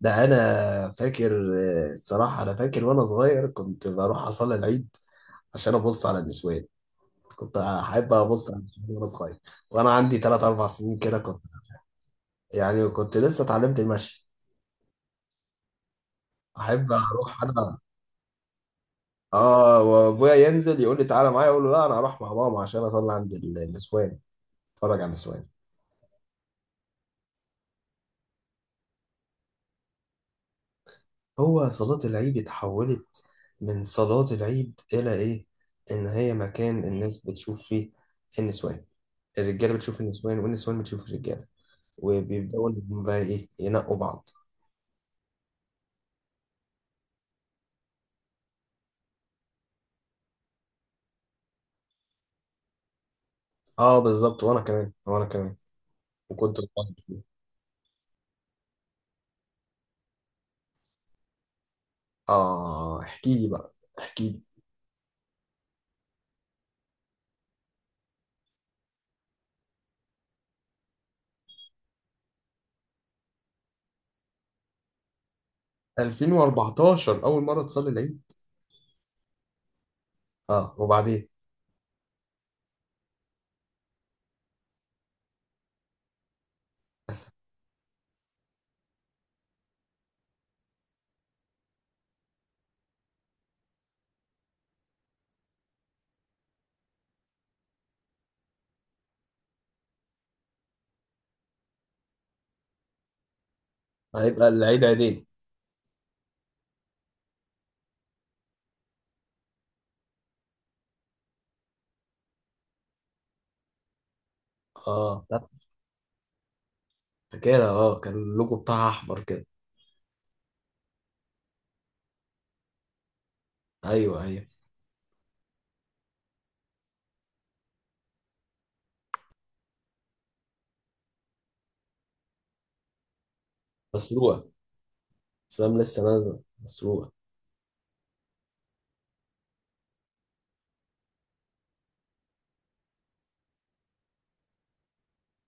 ده انا فاكر، الصراحه انا فاكر وانا صغير كنت بروح اصلي العيد عشان ابص على النسوان. كنت احب ابص على النسوان وانا صغير، وانا عندي 3 4 سنين كده كنت، يعني كنت لسه اتعلمت المشي. احب اروح انا. اه، وابويا ينزل يقول لي تعالى معايا، اقول له لا انا هروح مع ماما عشان اصلي عند النسوان، اتفرج على النسوان. هو صلاه العيد اتحولت من صلاه العيد الى ايه؟ ان هي مكان الناس بتشوف فيه النسوان. الرجاله بتشوف النسوان والنسوان بتشوف الرجاله، وبيبداوا إن هم بقى ايه ينقوا بعض. اه بالظبط، وانا كمان وانا كمان، وكنت بتفرج فيه. اه احكي لي بقى، احكي لي. 2014 اول مره تصلي العيد؟ اه، وبعدين؟ هيبقى العيد عيدين. اه فاكرها، اه كان اللوجو بتاعها احمر كده. ايوه ايوه. مسروقه، افلام لسه نازله مسروقه.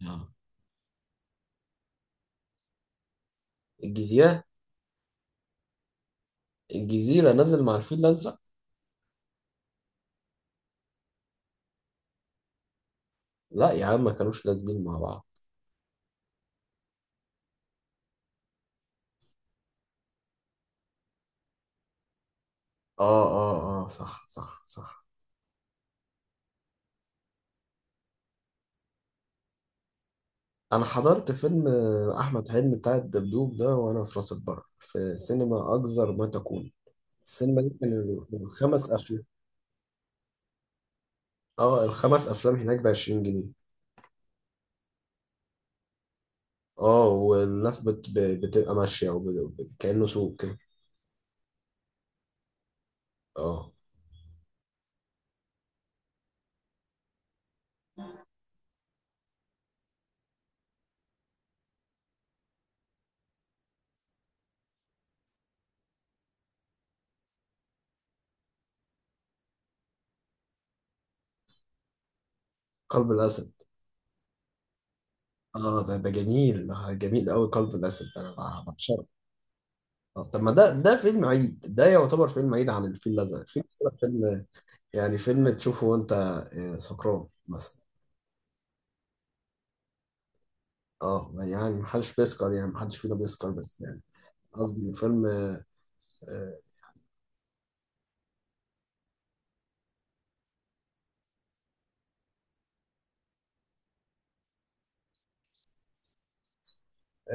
اه الجزيره. الجزيره نزل مع الفيل الازرق؟ لا يا عم ما كانوش نازلين مع بعض. اه اه اه، صح صح صح. انا حضرت فيلم احمد حلمي بتاع الدبدوب ده وانا في راس البر في سينما اجزر ما تكون. السينما دي كان الخمس افلام، اه الخمس افلام هناك ب 20 جنيه. اه، والناس بتبقى ماشيه كانه سوق كده. اه قلب الاسد. اه ده جميل، ده جميل قوي، قلب الاسد انا بعشقه. آه، طب ما ده فيلم عيد، ده يعتبر فيلم عيد. عن الفيل الازرق، الفيل الازرق فيلم، يعني فيلم تشوفه وانت سكران مثلا. اه يعني محدش بيسكر، يعني محدش فينا بيسكر، بس يعني قصدي فيلم. آه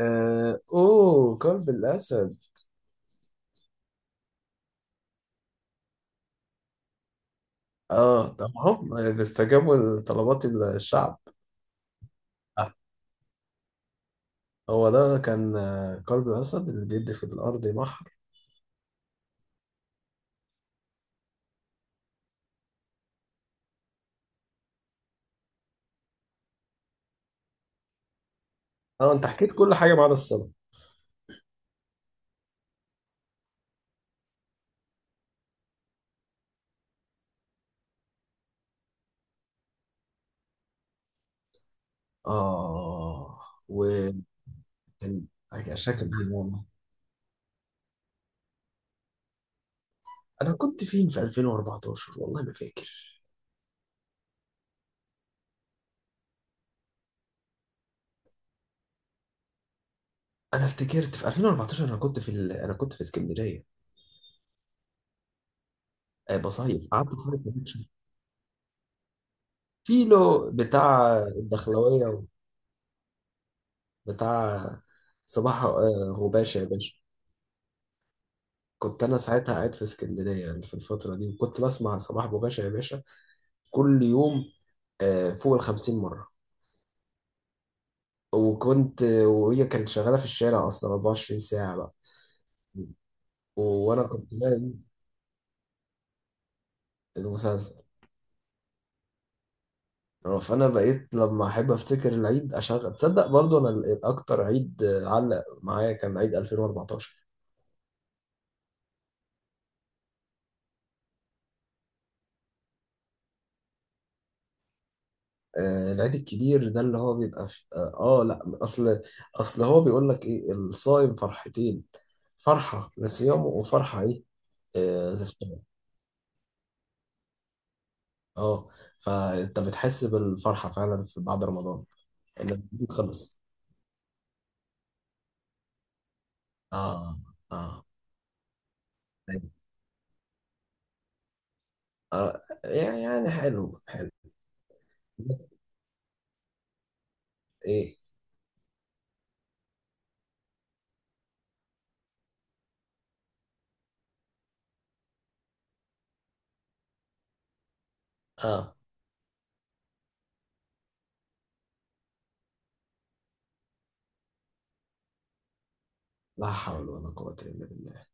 اوه قلب الاسد. اه طب هم بيستجابوا لطلبات الشعب؟ آه. هو ده كان قلب الاسد اللي بيدي في الارض بحر. اه انت حكيت كل حاجه ما عدا الصلاه. اه وكان شكل والله. انا كنت فين في 2014 والله ما فاكر. انا افتكرت في 2014 انا كنت في اسكندريه. بصيف، قعدت بصيف. كيلو بتاع الدخلوية، وبتاع صباح غباشة يا باشا. كنت أنا ساعتها قاعد في اسكندرية يعني في الفترة دي، وكنت بسمع صباح غباشة يا باشا كل يوم فوق الخمسين مرة. وهي كانت شغالة في الشارع أصلا 24 ساعة بقى، وأنا كنت نايم. المسلسل. فأنا بقيت لما أحب أفتكر العيد أشغل، تصدق برضو أنا الأكتر عيد علق معايا كان عيد 2014. آه، العيد الكبير ده اللي هو بيبقى في لا، اصل هو بيقول لك ايه؟ الصائم فرحتين، فرحة لصيامه وفرحة ايه؟ آه لفطوره. اه فانت بتحس بالفرحة فعلا في بعد رمضان، انك خلص. اه اه طيب. اه يعني حلو حلو. ايه؟ اه لا حول ولا قوة الا بالله.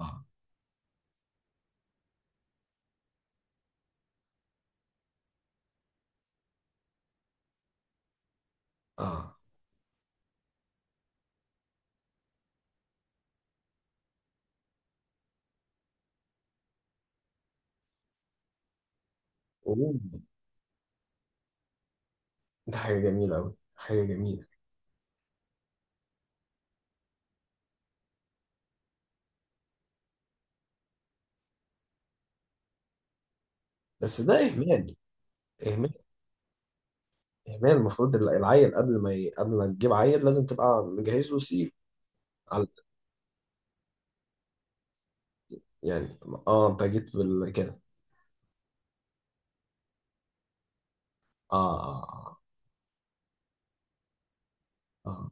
اه اه أوه. ده حاجة جميلة أوي، حاجة جميلة. بس ده إهمال، إهمال. هي المفروض العيل، قبل ما تجيب عيل لازم تبقى مجهز له سيف. على، يعني، اه انت جيت بال كده. اه اه اه. آه.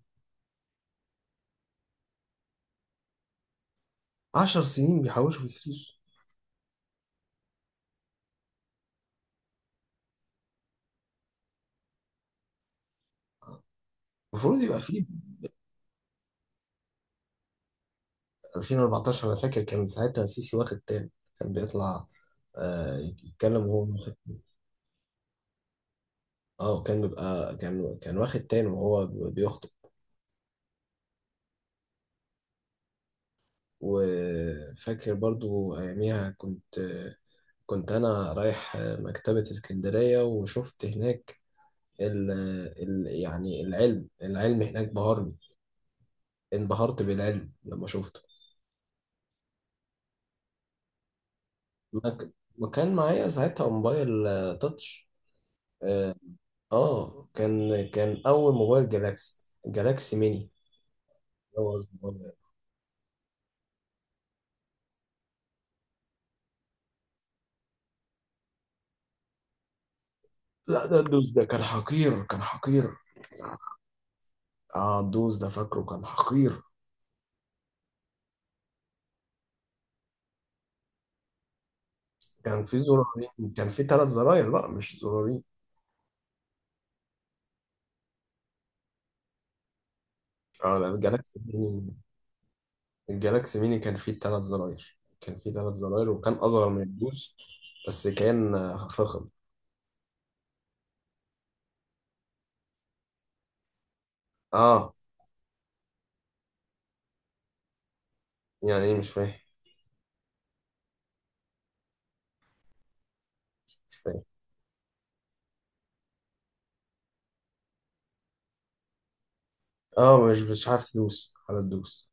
10 سنين بيحوشوا في سرير؟ المفروض يبقى فيه. 2014 انا فاكر كان ساعتها سيسي واخد تاني، كان بيطلع يتكلم وهو واخد. اه وكان بيبقى، كان واخد تاني وهو بيخطب. وفاكر برضو اياميها كنت انا رايح مكتبة اسكندرية وشفت هناك ال ال يعني العلم، العلم هناك بهرني. انبهرت بالعلم لما شفته. ما ك- ما كان معايا ساعتها موبايل تاتش. اه كان اول موبايل جالاكسي. جالاكسي ميني هو صغير. لا ده الدوس ده كان حقير، كان حقير. اه الدوس ده فاكره كان حقير. كان في زرارين، كان في ثلاث زراير، لا مش زرارين. اه لا، جالاكسي ميني، الجالاكسي ميني كان فيه تلات زراير، كان فيه تلات زراير، وكان أصغر من الدوس. بس كان فخم. اه يعني ايه؟ مش فاهم، مش فاهم. اه مش عارف تدوس على الدوس.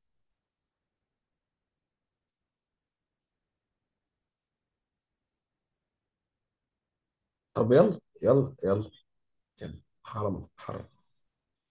طب يلا يلا يلا. يلا، حرام حرام.